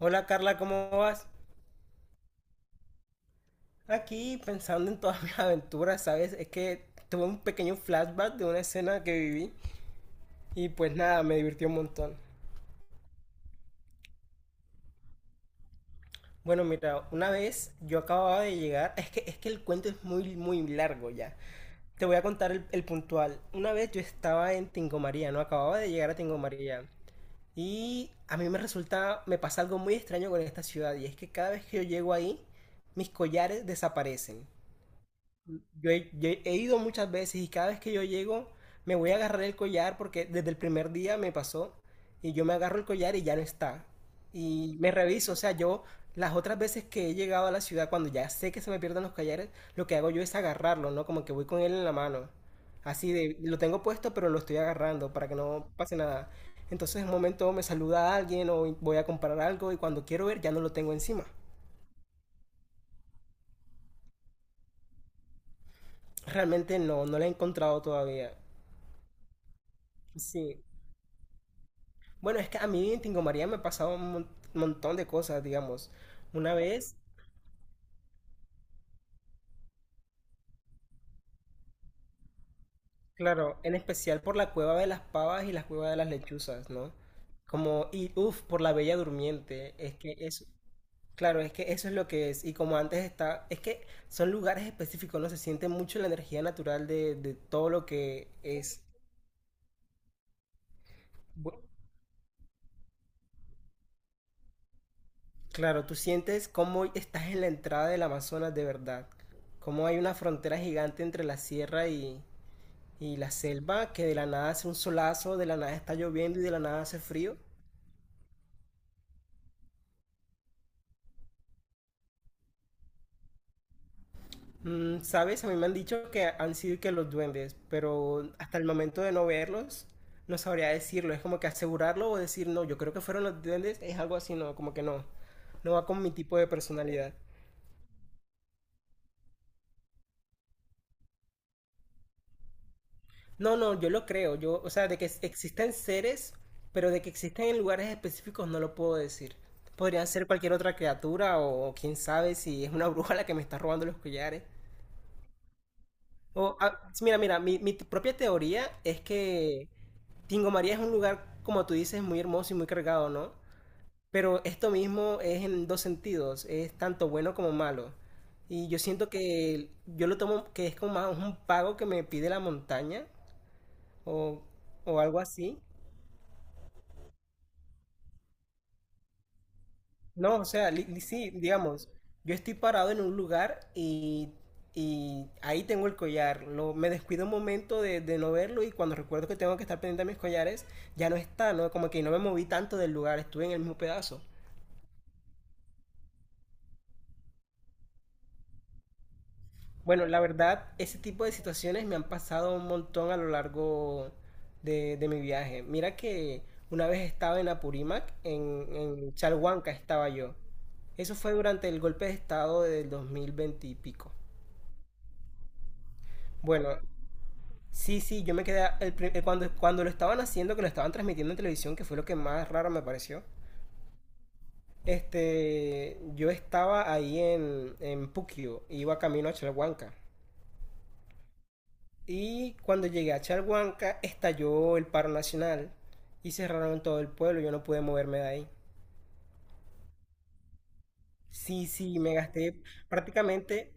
Hola Carla, ¿cómo vas? Aquí pensando en todas mis aventuras, ¿sabes? Es que tuve un pequeño flashback de una escena que viví y pues nada, me divirtió un montón. Bueno, mira, una vez yo acababa de llegar, es que el cuento es muy, muy largo ya. Te voy a contar el puntual. Una vez yo estaba en Tingo María, ¿no? Acababa de llegar a Tingo María. Y a mí me resulta, me pasa algo muy extraño con esta ciudad y es que cada vez que yo llego ahí, mis collares desaparecen. Yo he ido muchas veces y cada vez que yo llego me voy a agarrar el collar porque desde el primer día me pasó y yo me agarro el collar y ya no está. Y me reviso, o sea, yo las otras veces que he llegado a la ciudad cuando ya sé que se me pierden los collares, lo que hago yo es agarrarlo, ¿no? Como que voy con él en la mano. Así de, lo tengo puesto pero lo estoy agarrando para que no pase nada. Entonces en un momento me saluda alguien o voy a comprar algo y cuando quiero ver ya no lo tengo encima. Realmente no, no lo he encontrado todavía. Sí. Bueno, es que a mí en Tingo María me ha pasado montón de cosas, digamos. Una vez, claro, en especial por la cueva de las pavas y la cueva de las lechuzas, ¿no? Como, y uff, por la Bella Durmiente. Es que eso, claro, es que eso es lo que es. Y como antes está, es que son lugares específicos, ¿no? Se siente mucho la energía natural de todo lo que es. Bu- Claro, tú sientes cómo estás en la entrada del Amazonas de verdad. Cómo hay una frontera gigante entre la sierra y la selva, que de la nada hace un solazo, de la nada está lloviendo y de la nada hace frío. Mm, ¿sabes? A mí me han dicho que han sido que los duendes, pero hasta el momento de no verlos, no sabría decirlo. Es como que asegurarlo o decir, no, yo creo que fueron los duendes, es algo así, no, como que no. No va con mi tipo de personalidad. No, no, yo lo creo. Yo, o sea, de que existen seres, pero de que existen en lugares específicos no lo puedo decir. Podrían ser cualquier otra criatura o quién sabe si es una bruja la que me está robando los collares. O, ah, sí, mira, mira, propia teoría es que Tingo María es un lugar, como tú dices, muy hermoso y muy cargado, ¿no? Pero esto mismo es en dos sentidos, es tanto bueno como malo. Y yo siento que yo lo tomo que es como más un pago que me pide la montaña o, o algo así. No, o sea, sí, digamos, yo estoy parado en un lugar y ahí tengo el collar. Lo, me descuido un momento de no verlo y cuando recuerdo que tengo que estar pendiente de mis collares, ya no está, ¿no? Como que no me moví tanto del lugar, estuve en el mismo pedazo. Bueno, la verdad, ese tipo de situaciones me han pasado un montón a lo largo de mi viaje. Mira que una vez estaba en Apurímac, en Chalhuanca estaba yo. Eso fue durante el golpe de estado del 2020 y pico. Bueno, sí, sí, yo me quedé cuando, cuando lo estaban haciendo, que lo estaban transmitiendo en televisión, que fue lo que más raro me pareció. Este, yo estaba ahí en Puquio, iba camino a Chalhuanca. Y cuando llegué a Chalhuanca, estalló el paro nacional y cerraron todo el pueblo, yo no pude moverme de ahí. Sí, sí, me gasté prácticamente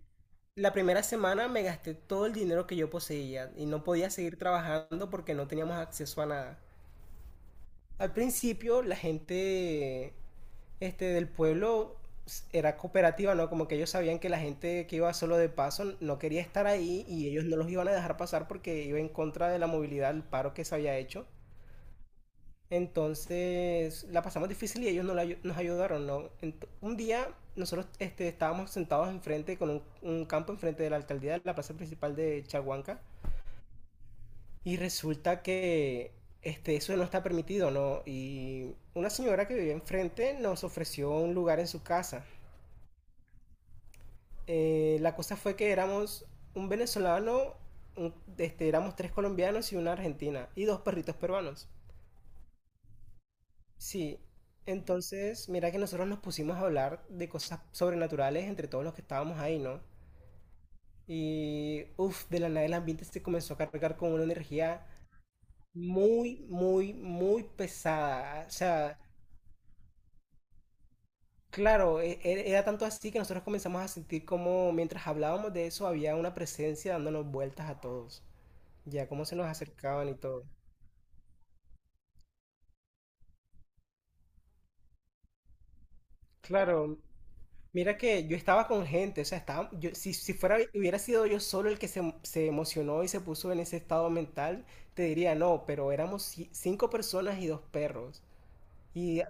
la primera semana, me gasté todo el dinero que yo poseía y no podía seguir trabajando porque no teníamos acceso a nada. Al principio la gente este, del pueblo era cooperativa, ¿no? Como que ellos sabían que la gente que iba solo de paso no quería estar ahí y ellos no los iban a dejar pasar porque iba en contra de la movilidad, el paro que se había hecho. Entonces la pasamos difícil y ellos no la, nos ayudaron, ¿no? Ent un día nosotros este, estábamos sentados enfrente, con un campo enfrente de la alcaldía, de la plaza principal de Chaguanca, y resulta que este, eso no está permitido, ¿no? Y una señora que vivía enfrente nos ofreció un lugar en su casa la cosa fue que éramos un venezolano, este, éramos tres colombianos y una argentina, y dos perritos peruanos. Sí, entonces mira que nosotros nos pusimos a hablar de cosas sobrenaturales entre todos los que estábamos ahí, ¿no? Y uff, de la nada el ambiente se comenzó a cargar con una energía muy, muy, muy pesada. O sea, claro, era tanto así que nosotros comenzamos a sentir como mientras hablábamos de eso había una presencia dándonos vueltas a todos. Ya, cómo se nos acercaban y todo. Claro, mira que yo estaba con gente, o sea, estaba, yo, si, si fuera, hubiera sido yo solo el que se emocionó y se puso en ese estado mental, te diría no, pero éramos cinco personas y dos perros. Y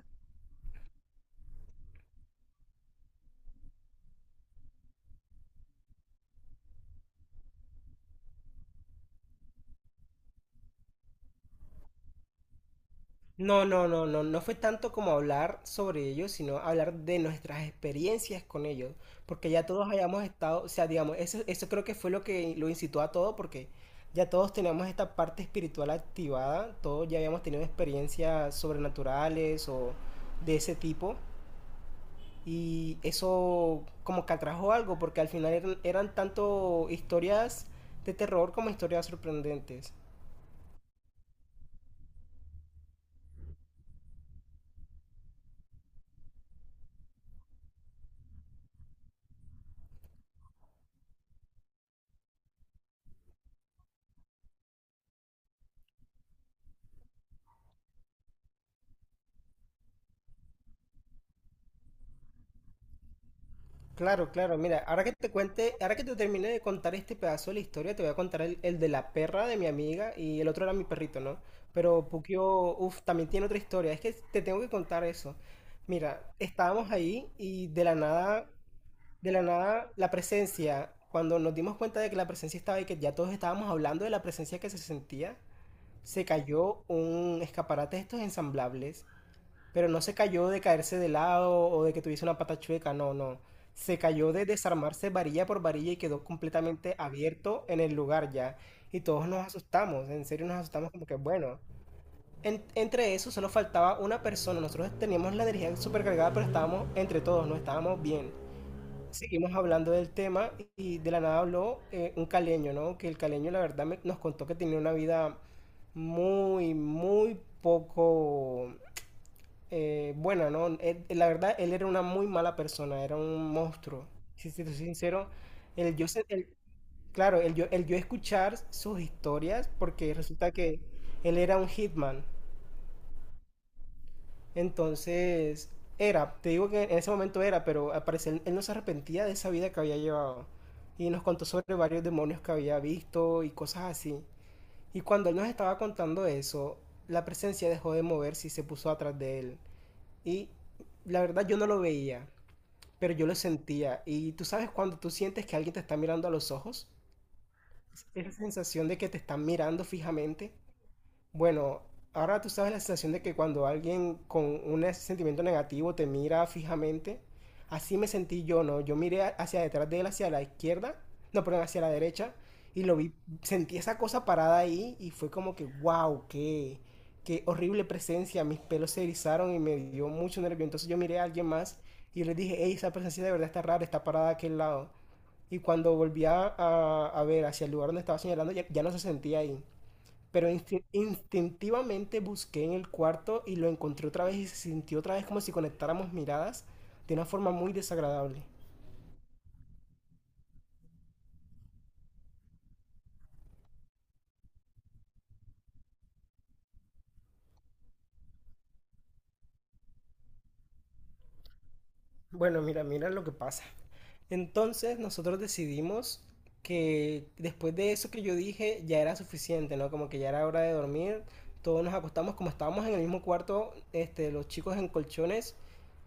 no, no, no, no, no fue tanto como hablar sobre ellos, sino hablar de nuestras experiencias con ellos, porque ya todos hayamos estado, o sea, digamos, eso creo que fue lo que lo incitó a todo, porque ya todos teníamos esta parte espiritual activada, todos ya habíamos tenido experiencias sobrenaturales o de ese tipo, y eso como que atrajo algo, porque al final eran tanto historias de terror como historias sorprendentes. Claro, claro. Mira, ahora que te cuente, ahora que te termine de contar este pedazo de la historia, te voy a contar el de la perra de mi amiga y el otro era mi perrito, ¿no? Pero Pukio, uff, también tiene otra historia. Es que te tengo que contar eso. Mira, estábamos ahí y de la nada, la presencia, cuando nos dimos cuenta de que la presencia estaba y que ya todos estábamos hablando de la presencia que se sentía, se cayó un escaparate de estos ensamblables, pero no se cayó de caerse de lado o de que tuviese una pata chueca, no, no. Se cayó de desarmarse varilla por varilla y quedó completamente abierto en el lugar ya. Y todos nos asustamos, en serio nos asustamos como que, bueno. Entre eso solo faltaba una persona. Nosotros teníamos la energía supercargada, pero estábamos entre todos, no estábamos bien. Seguimos hablando del tema y de la nada habló un caleño, ¿no? Que el caleño la verdad nos contó que tenía una vida muy, muy poco bueno, no, la verdad, él era una muy mala persona, era un monstruo. Si te soy sincero, el yo, se- el- claro, el yo escuchar sus historias, porque resulta que él era un hitman. Entonces, era, te digo que en ese momento era, pero al parecer él no se arrepentía de esa vida que había llevado. Y nos contó sobre varios demonios que había visto y cosas así. Y cuando él nos estaba contando eso, la presencia dejó de moverse y se puso atrás de él. Y la verdad yo no lo veía, pero yo lo sentía. Y tú sabes cuando tú sientes que alguien te está mirando a los ojos, esa sensación de que te están mirando fijamente, bueno, ahora tú sabes la sensación de que cuando alguien con un sentimiento negativo te mira fijamente, así me sentí yo, ¿no? Yo miré hacia detrás de él, hacia la izquierda, no, perdón, hacia la derecha, y lo vi, sentí esa cosa parada ahí y fue como que, wow, qué, qué horrible presencia, mis pelos se erizaron y me dio mucho nervio. Entonces yo miré a alguien más y yo le dije, hey, esa presencia de verdad está rara, está parada a aquel lado. Y cuando volví a ver hacia el lugar donde estaba señalando, ya, ya no se sentía ahí. Pero instintivamente busqué en el cuarto y lo encontré otra vez y se sintió otra vez como si conectáramos miradas de una forma muy desagradable. Bueno, mira, mira lo que pasa. Entonces nosotros decidimos que después de eso que yo dije ya era suficiente, ¿no? Como que ya era hora de dormir. Todos nos acostamos como estábamos en el mismo cuarto, este, los chicos en colchones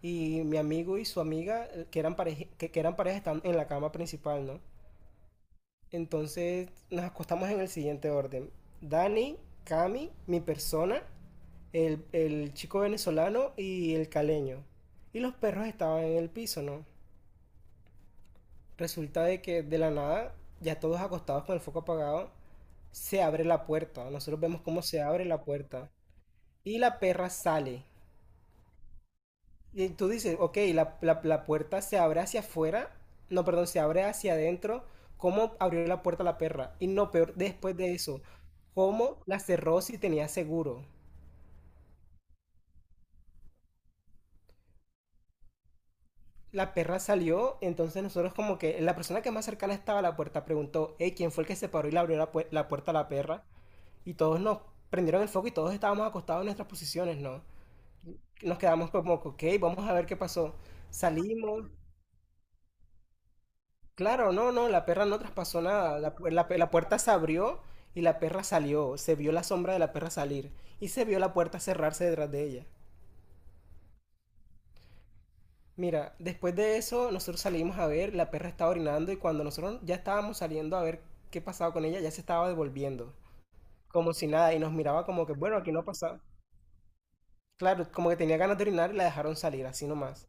y mi amigo y su amiga que eran pareja, que eran pareja están en la cama principal, ¿no? Entonces nos acostamos en el siguiente orden. Dani, Cami, mi persona, el chico venezolano y el caleño. Y los perros estaban en el piso, ¿no? Resulta de que de la nada, ya todos acostados con el foco apagado, se abre la puerta. Nosotros vemos cómo se abre la puerta. Y la perra sale. Y tú dices, ok, la puerta se abre hacia afuera, no, perdón, se abre hacia adentro. ¿Cómo abrió la puerta la perra? Y no, peor, después de eso, ¿cómo la cerró si tenía seguro? La perra salió, entonces nosotros como que la persona que más cercana estaba a la puerta preguntó, hey, ¿quién fue el que se paró y le abrió la, la puerta a la perra? Y todos nos prendieron el foco y todos estábamos acostados en nuestras posiciones, ¿no? Nos quedamos como, ok, vamos a ver qué pasó. Salimos. Claro, no, no, la perra no traspasó nada. La, la puerta se abrió y la perra salió. Se vio la sombra de la perra salir y se vio la puerta cerrarse detrás de ella. Mira, después de eso nosotros salimos a ver, la perra estaba orinando y cuando nosotros ya estábamos saliendo a ver qué pasaba con ella, ya se estaba devolviendo, como si nada, y nos miraba como que, bueno, aquí no pasaba. Claro, como que tenía ganas de orinar y la dejaron salir, así nomás.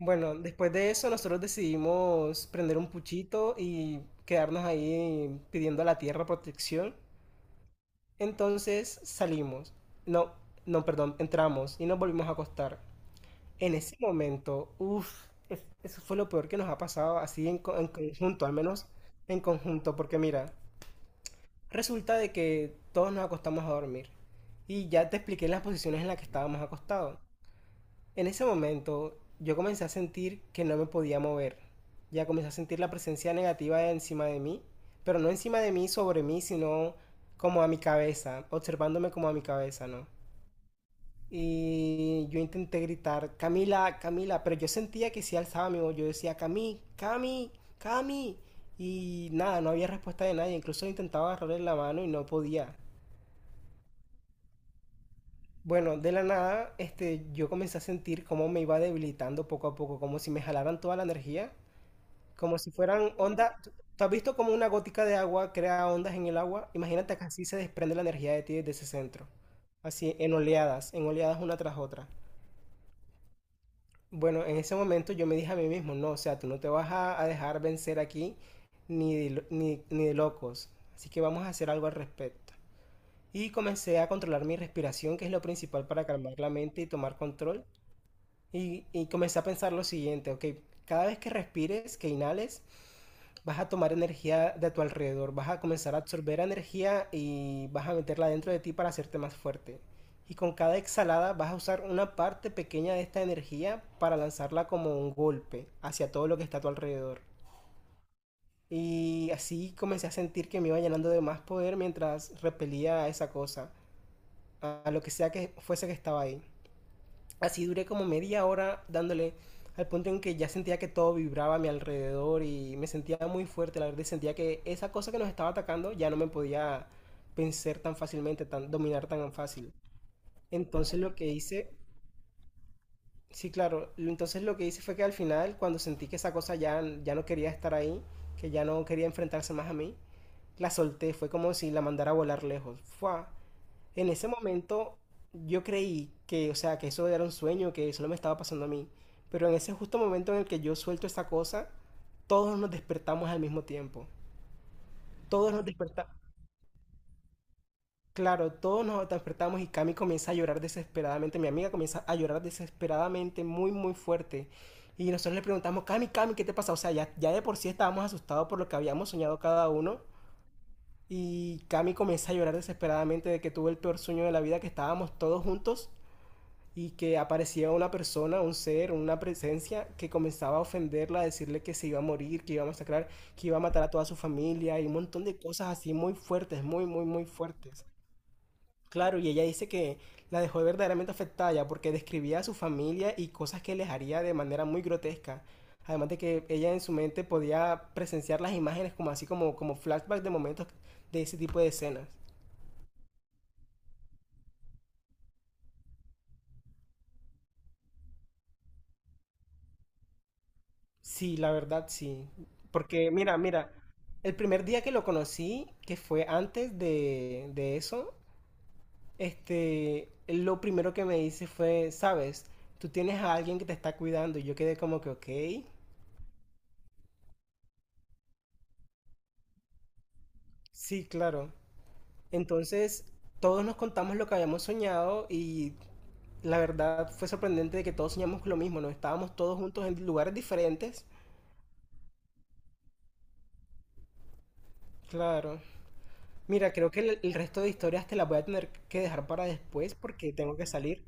Bueno, después de eso nosotros decidimos prender un puchito y quedarnos ahí pidiendo a la tierra protección. Entonces salimos, no, no, perdón, entramos y nos volvimos a acostar. En ese momento, uff, eso fue lo peor que nos ha pasado así en, en conjunto, al menos en conjunto, porque mira, resulta de que todos nos acostamos a dormir y ya te expliqué las posiciones en las que estábamos acostados. En ese momento yo comencé a sentir que no me podía mover. Ya comencé a sentir la presencia negativa encima de mí, pero no encima de mí, sobre mí, sino como a mi cabeza, observándome como a mi cabeza, ¿no? Y yo intenté gritar, Camila, Camila, pero yo sentía que si alzaba mi voz, yo decía, Cami, Cami, Cami. Y nada, no había respuesta de nadie, incluso intentaba agarrarle la mano y no podía. Bueno, de la nada, yo comencé a sentir cómo me iba debilitando poco a poco, como si me jalaran toda la energía, como si fueran ondas. ¿Tú has visto cómo una gótica de agua crea ondas en el agua? Imagínate que así se desprende la energía de ti desde ese centro, así en oleadas una tras otra. Bueno, en ese momento yo me dije a mí mismo, no, o sea, tú no te vas a dejar vencer aquí ni de, ni de locos, así que vamos a hacer algo al respecto. Y comencé a controlar mi respiración, que es lo principal para calmar la mente y tomar control. Y comencé a pensar lo siguiente, ok, cada vez que respires, que inhales, vas a tomar energía de tu alrededor, vas a comenzar a absorber energía y vas a meterla dentro de ti para hacerte más fuerte. Y con cada exhalada vas a usar una parte pequeña de esta energía para lanzarla como un golpe hacia todo lo que está a tu alrededor. Y así comencé a sentir que me iba llenando de más poder mientras repelía a esa cosa, a lo que sea que fuese que estaba ahí. Así duré como media hora dándole al punto en que ya sentía que todo vibraba a mi alrededor y me sentía muy fuerte, la verdad, y sentía que esa cosa que nos estaba atacando ya no me podía vencer tan fácilmente, tan, dominar tan fácil. Entonces lo que hice, sí, claro, entonces lo que hice fue que al final, cuando sentí que esa cosa ya, ya no quería estar ahí, que ya no quería enfrentarse más a mí, la solté, fue como si la mandara a volar lejos. ¡Fua! En ese momento yo creí que, o sea, que eso era un sueño, que eso no me estaba pasando a mí. Pero en ese justo momento en el que yo suelto esta cosa, todos nos despertamos al mismo tiempo. Todos nos despertamos. Claro, todos nos despertamos y Cami comienza a llorar desesperadamente. Mi amiga comienza a llorar desesperadamente, muy, muy fuerte. Y nosotros le preguntamos, Cami, Cami, ¿qué te pasa? O sea, ya, ya de por sí estábamos asustados por lo que habíamos soñado cada uno. Y Cami comienza a llorar desesperadamente de que tuvo el peor sueño de la vida, que estábamos todos juntos y que aparecía una persona, un ser, una presencia que comenzaba a ofenderla, a decirle que se iba a morir, que iba a masacrar, que iba a matar a toda su familia y un montón de cosas así muy fuertes, muy, muy, muy fuertes. Claro, y ella dice que la dejó verdaderamente afectada ya porque describía a su familia y cosas que les haría de manera muy grotesca. Además de que ella en su mente podía presenciar las imágenes como así como, como flashbacks de momentos de ese tipo de escenas. Sí, la verdad sí. Porque mira, mira, el primer día que lo conocí, que fue antes de eso, él lo primero que me dice fue, sabes, tú tienes a alguien que te está cuidando y yo quedé como que, ok, sí, claro. Entonces, todos nos contamos lo que habíamos soñado y la verdad fue sorprendente de que todos soñamos con lo mismo, ¿no? Estábamos todos juntos en lugares diferentes. Claro. Mira, creo que el resto de historias te las voy a tener que dejar para después porque tengo que salir.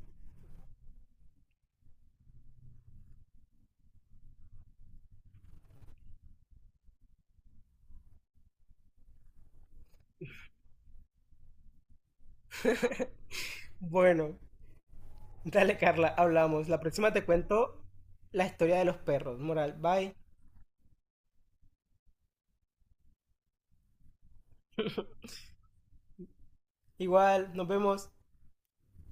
Bueno, dale Carla, hablamos. La próxima te cuento la historia de los perros. Moral, bye. Igual, nos vemos.